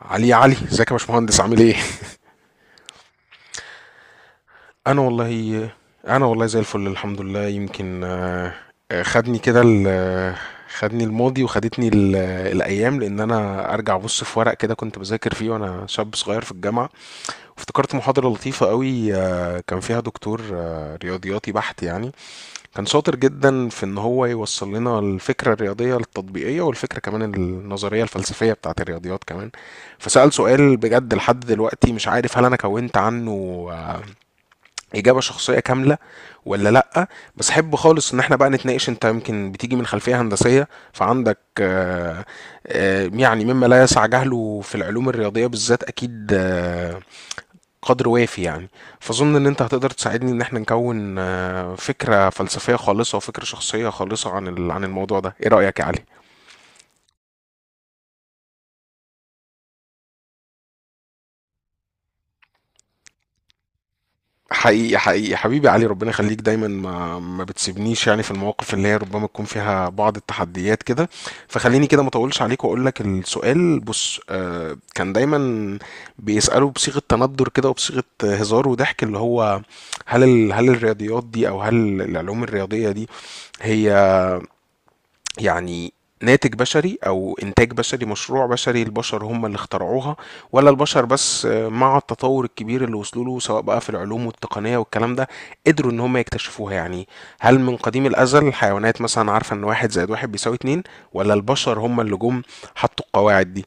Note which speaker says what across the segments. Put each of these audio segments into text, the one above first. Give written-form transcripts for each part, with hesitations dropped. Speaker 1: علي، علي، ازيك يا باشمهندس؟ عامل ايه؟ انا والله. انا والله زي الفل، الحمد لله. يمكن خدني كده خدني الماضي، وخدتني الايام، لان انا ارجع ابص في ورق كده كنت بذاكر فيه وانا شاب صغير في الجامعه. وافتكرت محاضره لطيفه قوي، كان فيها دكتور رياضياتي بحت يعني. كان شاطر جدا في ان هو يوصل لنا الفكره الرياضيه التطبيقيه، والفكره كمان النظريه الفلسفيه بتاعه الرياضيات كمان. فسأل سؤال، بجد لحد دلوقتي مش عارف هل انا كونت عنه اجابه شخصيه كامله ولا لا. بس احب خالص ان احنا بقى نتناقش. انت يمكن بتيجي من خلفيه هندسيه، فعندك يعني مما لا يسع جهله في العلوم الرياضيه بالذات، اكيد قدر وافي يعني. فاظن ان انت هتقدر تساعدني ان احنا نكون فكره فلسفيه خالصه وفكره شخصيه خالصه عن الموضوع ده. ايه رايك يا علي؟ حقيقي حقيقي حبيبي علي، ربنا يخليك دايما ما بتسيبنيش، يعني في المواقف اللي هي ربما تكون فيها بعض التحديات كده. فخليني كده ما اطولش عليك واقول لك السؤال. بص، كان دايما بيسالوا بصيغه تندر كده، وبصيغه هزار وضحك، اللي هو هل الرياضيات دي، او هل العلوم الرياضيه دي، هي يعني ناتج بشري او انتاج بشري مشروع بشري؟ البشر هم اللي اخترعوها، ولا البشر بس مع التطور الكبير اللي وصلوا له، سواء بقى في العلوم والتقنية والكلام ده، قدروا ان هم يكتشفوها؟ يعني هل من قديم الازل الحيوانات مثلا عارفة ان واحد زائد واحد بيساوي اتنين، ولا البشر هم اللي جم حطوا القواعد دي؟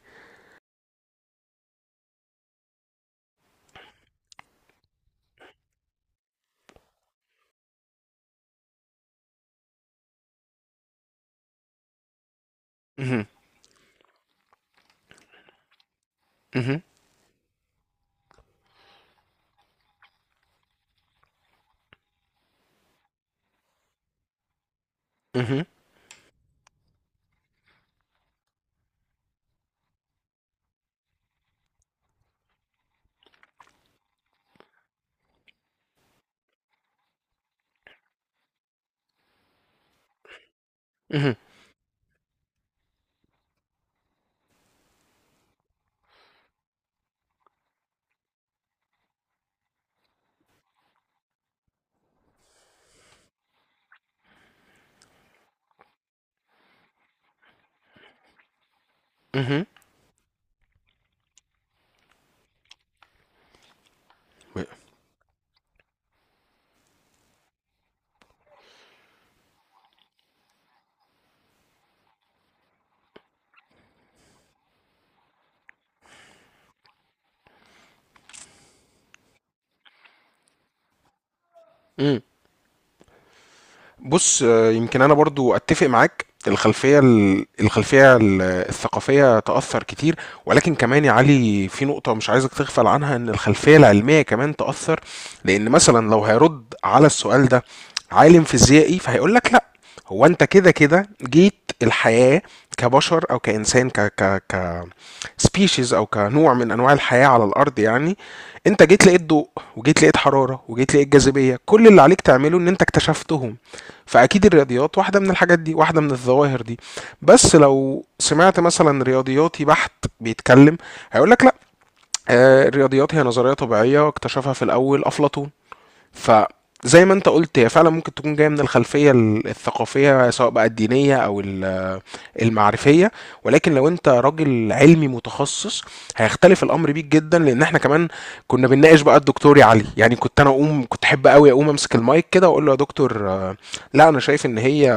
Speaker 1: مهم. مهم. مهم. مهم. مهم. بُص، يمكن أنا برضه أتّفق معاك. الخلفية الثقافية تأثّر كتير، ولكن كمان يا علي في نقطة مش عايزك تغفل عنها، إن الخلفية العلمية كمان تأثّر، لإن مثلًا لو هيرُد على السؤال ده عالم فيزيائي، فهيقول لك لأ، هو أنت كده، كده جيت الحياة كبشر أو كإنسان ك ك ك species، او كنوع من انواع الحياه على الارض يعني. انت جيت لقيت ضوء، وجيت لقيت حراره، وجيت لقيت جاذبيه. كل اللي عليك تعمله ان انت اكتشفتهم. فاكيد الرياضيات واحده من الحاجات دي، واحده من الظواهر دي. بس لو سمعت مثلا رياضياتي بحت بيتكلم، هيقول لك لا، الرياضيات هي نظريه طبيعيه اكتشفها في الاول افلاطون. ف، زي ما انت قلت، هي فعلا ممكن تكون جايه من الخلفيه الثقافيه، سواء بقى الدينيه او المعرفيه. ولكن لو انت راجل علمي متخصص، هيختلف الامر بيك جدا، لان احنا كمان كنا بنناقش بقى الدكتور علي. يعني كنت انا اقوم، كنت احب قوي اقوم امسك المايك كده واقول له: يا دكتور لا،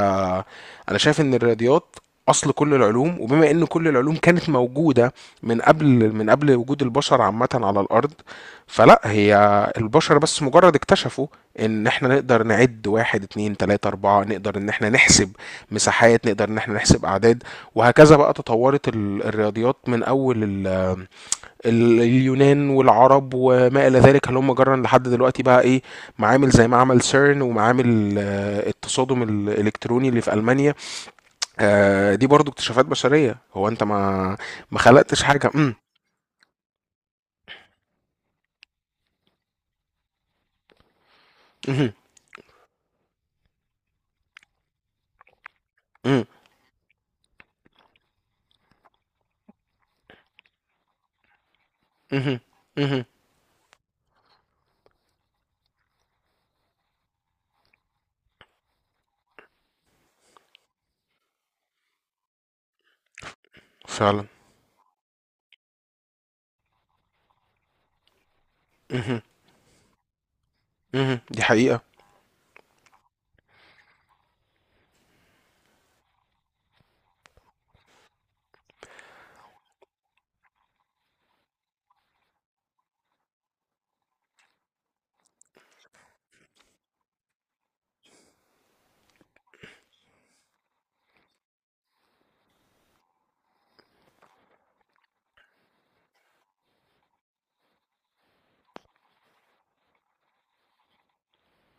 Speaker 1: انا شايف ان الرياضيات اصل كل العلوم، وبما ان كل العلوم كانت موجوده من قبل من قبل وجود البشر عامه على الارض، فلا هي، البشر بس مجرد اكتشفوا ان احنا نقدر نعد واحد اتنين تلاته اربعه، نقدر ان احنا نحسب مساحات، نقدر ان احنا نحسب اعداد، وهكذا بقى تطورت الرياضيات من اول اليونان والعرب وما الى ذلك، هلم جرا لحد دلوقتي بقى ايه، معامل زي معمل سيرن، ومعامل التصادم الالكتروني اللي في المانيا. دي برضو اكتشافات بشرية. هو انت ما خلقتش حاجة. امم. امم. امم. امم. امم. فعلا. امم. دي حقيقة.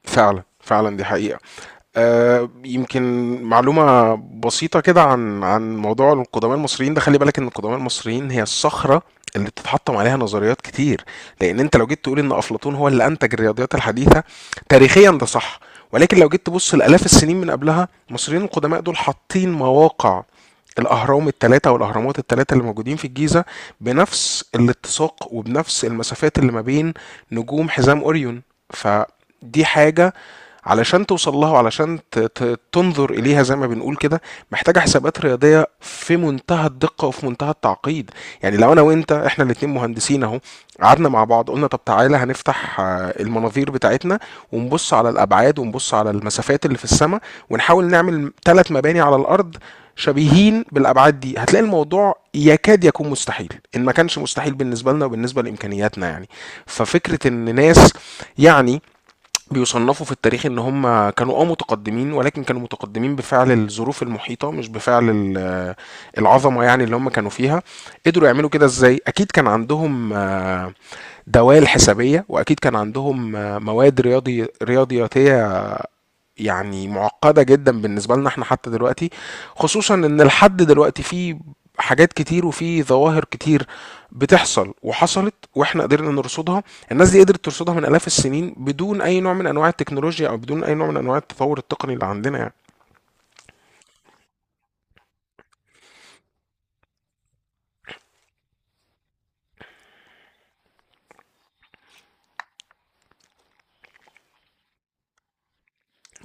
Speaker 1: فعلا فعلا، دي حقيقة. يمكن معلومة بسيطة كده عن موضوع القدماء المصريين ده. خلي بالك ان القدماء المصريين هي الصخرة اللي بتتحطم عليها نظريات كتير. لان انت لو جيت تقول ان افلاطون هو اللي انتج الرياضيات الحديثة، تاريخيا ده صح، ولكن لو جيت تبص لالاف السنين من قبلها، المصريين القدماء دول حاطين مواقع الأهرام التلاتة والأهرامات التلاتة اللي موجودين في الجيزة بنفس الاتساق وبنفس المسافات اللي ما بين نجوم حزام أوريون. فدي حاجة علشان توصل لها، وعلشان تنظر إليها، زي ما بنقول كده، محتاجة حسابات رياضية في منتهى الدقة وفي منتهى التعقيد. يعني لو أنا وأنت إحنا الاتنين مهندسين أهو، قعدنا مع بعض قلنا طب تعالى هنفتح المناظير بتاعتنا، ونبص على الأبعاد ونبص على المسافات اللي في السماء، ونحاول نعمل ثلاث مباني على الأرض شبيهين بالابعاد دي، هتلاقي الموضوع يكاد يكون مستحيل، ان ما كانش مستحيل بالنسبه لنا وبالنسبه لامكانياتنا يعني. ففكره ان ناس يعني بيصنفوا في التاريخ ان هم كانوا متقدمين، ولكن كانوا متقدمين بفعل الظروف المحيطه، مش بفعل العظمه يعني اللي هم كانوا فيها. قدروا يعملوا كده ازاي؟ اكيد كان عندهم دوال حسابيه، واكيد كان عندهم مواد رياضياتيه يعني معقدة جدا بالنسبة لنا احنا حتى دلوقتي. خصوصا ان لحد دلوقتي في حاجات كتير وفي ظواهر كتير بتحصل وحصلت واحنا قدرنا نرصدها. الناس دي قدرت ترصدها من آلاف السنين بدون اي نوع من انواع التكنولوجيا، او بدون اي نوع من انواع التطور التقني اللي عندنا يعني.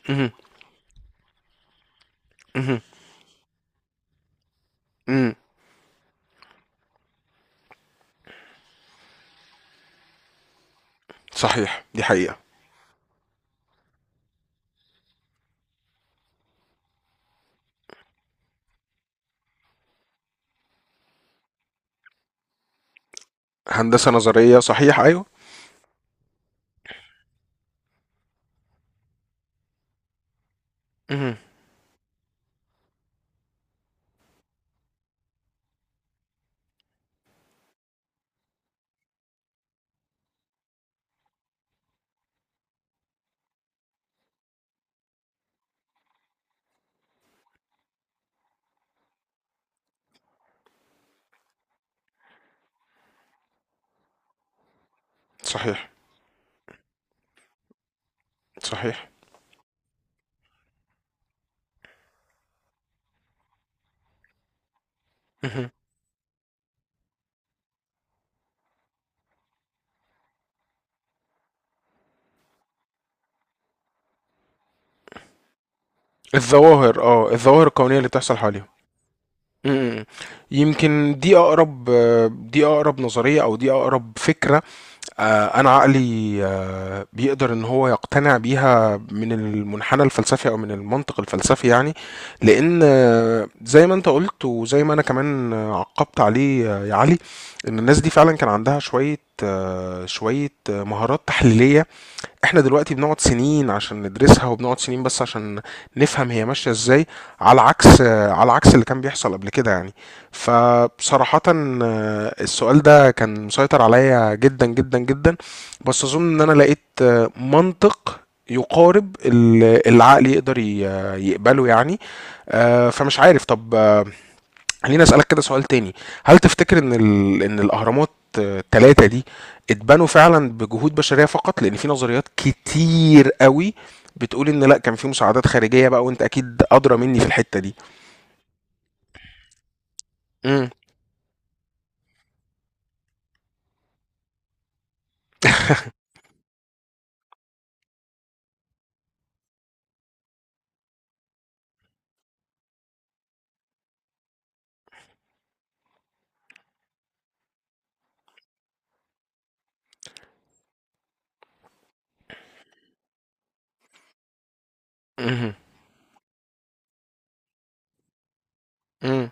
Speaker 1: مهم. مهم. مم. صحيح، دي حقيقة. هندسة نظرية، صحيح، ايوه. مهم. صحيح. صحيح. مهم. الظواهر الكونية اللي بتحصل حواليهم. مم. يمكن دي اقرب نظريه، او دي اقرب فكره. انا عقلي بيقدر ان هو يقتنع بيها من المنحنى الفلسفي او من المنطق الفلسفي يعني. لان، زي ما انت قلت وزي ما انا كمان عقبت عليه، يا علي، ان الناس دي فعلا كان عندها شويه مهارات تحليليه. احنا دلوقتي بنقعد سنين عشان ندرسها، وبنقعد سنين بس عشان نفهم هي ماشية ازاي، على عكس اللي كان بيحصل قبل كده يعني. فبصراحة، السؤال ده كان مسيطر عليا جدا جدا جدا. بس اظن ان انا لقيت منطق يقارب اللي العقل يقدر يقبله يعني. فمش عارف. طب، خليني اسالك كده سؤال تاني. هل تفتكر ان ان الاهرامات الثلاثه دي اتبنوا فعلا بجهود بشريه فقط؟ لان في نظريات كتير قوي بتقول ان لا، كان في مساعدات خارجيه بقى، وانت اكيد ادرى مني في الحته دي. امم. امم. امم.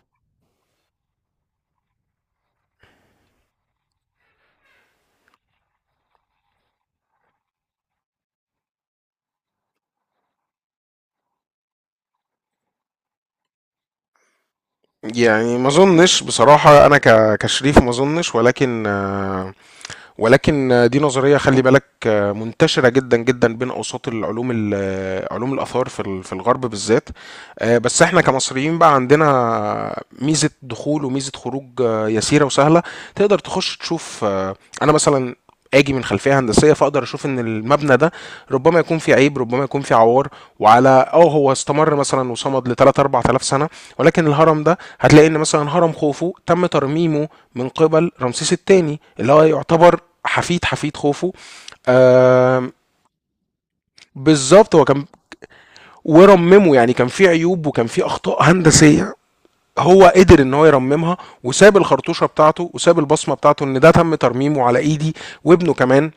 Speaker 1: يعني ما اظنش بصراحه. انا كشريف ما اظنش، ولكن ولكن دي نظرية، خلي بالك، منتشرة جدا جدا بين أوساط علوم الآثار في الغرب بالذات. بس احنا كمصريين بقى عندنا ميزة دخول وميزة خروج يسيرة وسهلة. تقدر تخش تشوف. أنا مثلا اجي من خلفيه هندسيه، فاقدر اشوف ان المبنى ده ربما يكون فيه عيب، ربما يكون فيه عوار. وعلى، هو استمر مثلا وصمد ل 3 4000 سنه. ولكن الهرم ده هتلاقي ان مثلا هرم خوفو تم ترميمه من قبل رمسيس الثاني، اللي هو يعتبر حفيد حفيد خوفو. آه بالظبط. هو كان ورممه، يعني كان في عيوب وكان في اخطاء هندسيه، هو قدر ان هو يرممها، وساب الخرطوشه بتاعته وساب البصمه بتاعته ان ده تم ترميمه على ايدي. وابنه كمان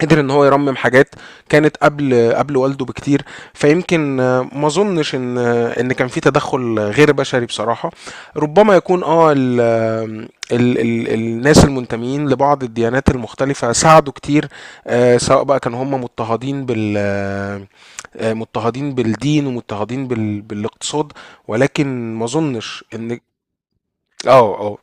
Speaker 1: قدر ان هو يرمم حاجات كانت قبل والده بكتير. فيمكن، ما اظنش ان ان كان في تدخل غير بشري بصراحه. ربما يكون اه ال ال ال الناس المنتمين لبعض الديانات المختلفه ساعدوا كتير، سواء بقى كانوا هم مضطهدين بال آه، مضطهدين بالدين، ومضطهدين بالاقتصاد، ولكن ما اظنش ان. اه، اه.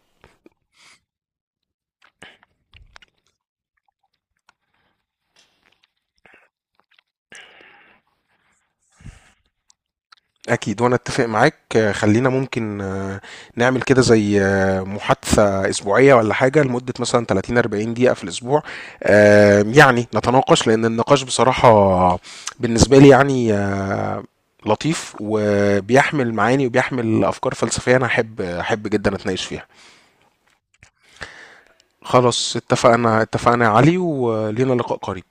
Speaker 1: أكيد، وأنا أتفق معاك. خلينا ممكن، نعمل كده زي محادثة أسبوعية ولا حاجة لمدة مثلا 30 40 دقيقة في الأسبوع. يعني نتناقش، لأن النقاش بصراحة بالنسبة لي يعني لطيف، وبيحمل معاني وبيحمل أفكار فلسفية، أنا أحب أحب جدا أتناقش فيها. خلاص، اتفقنا اتفقنا يا علي، ولينا لقاء قريب.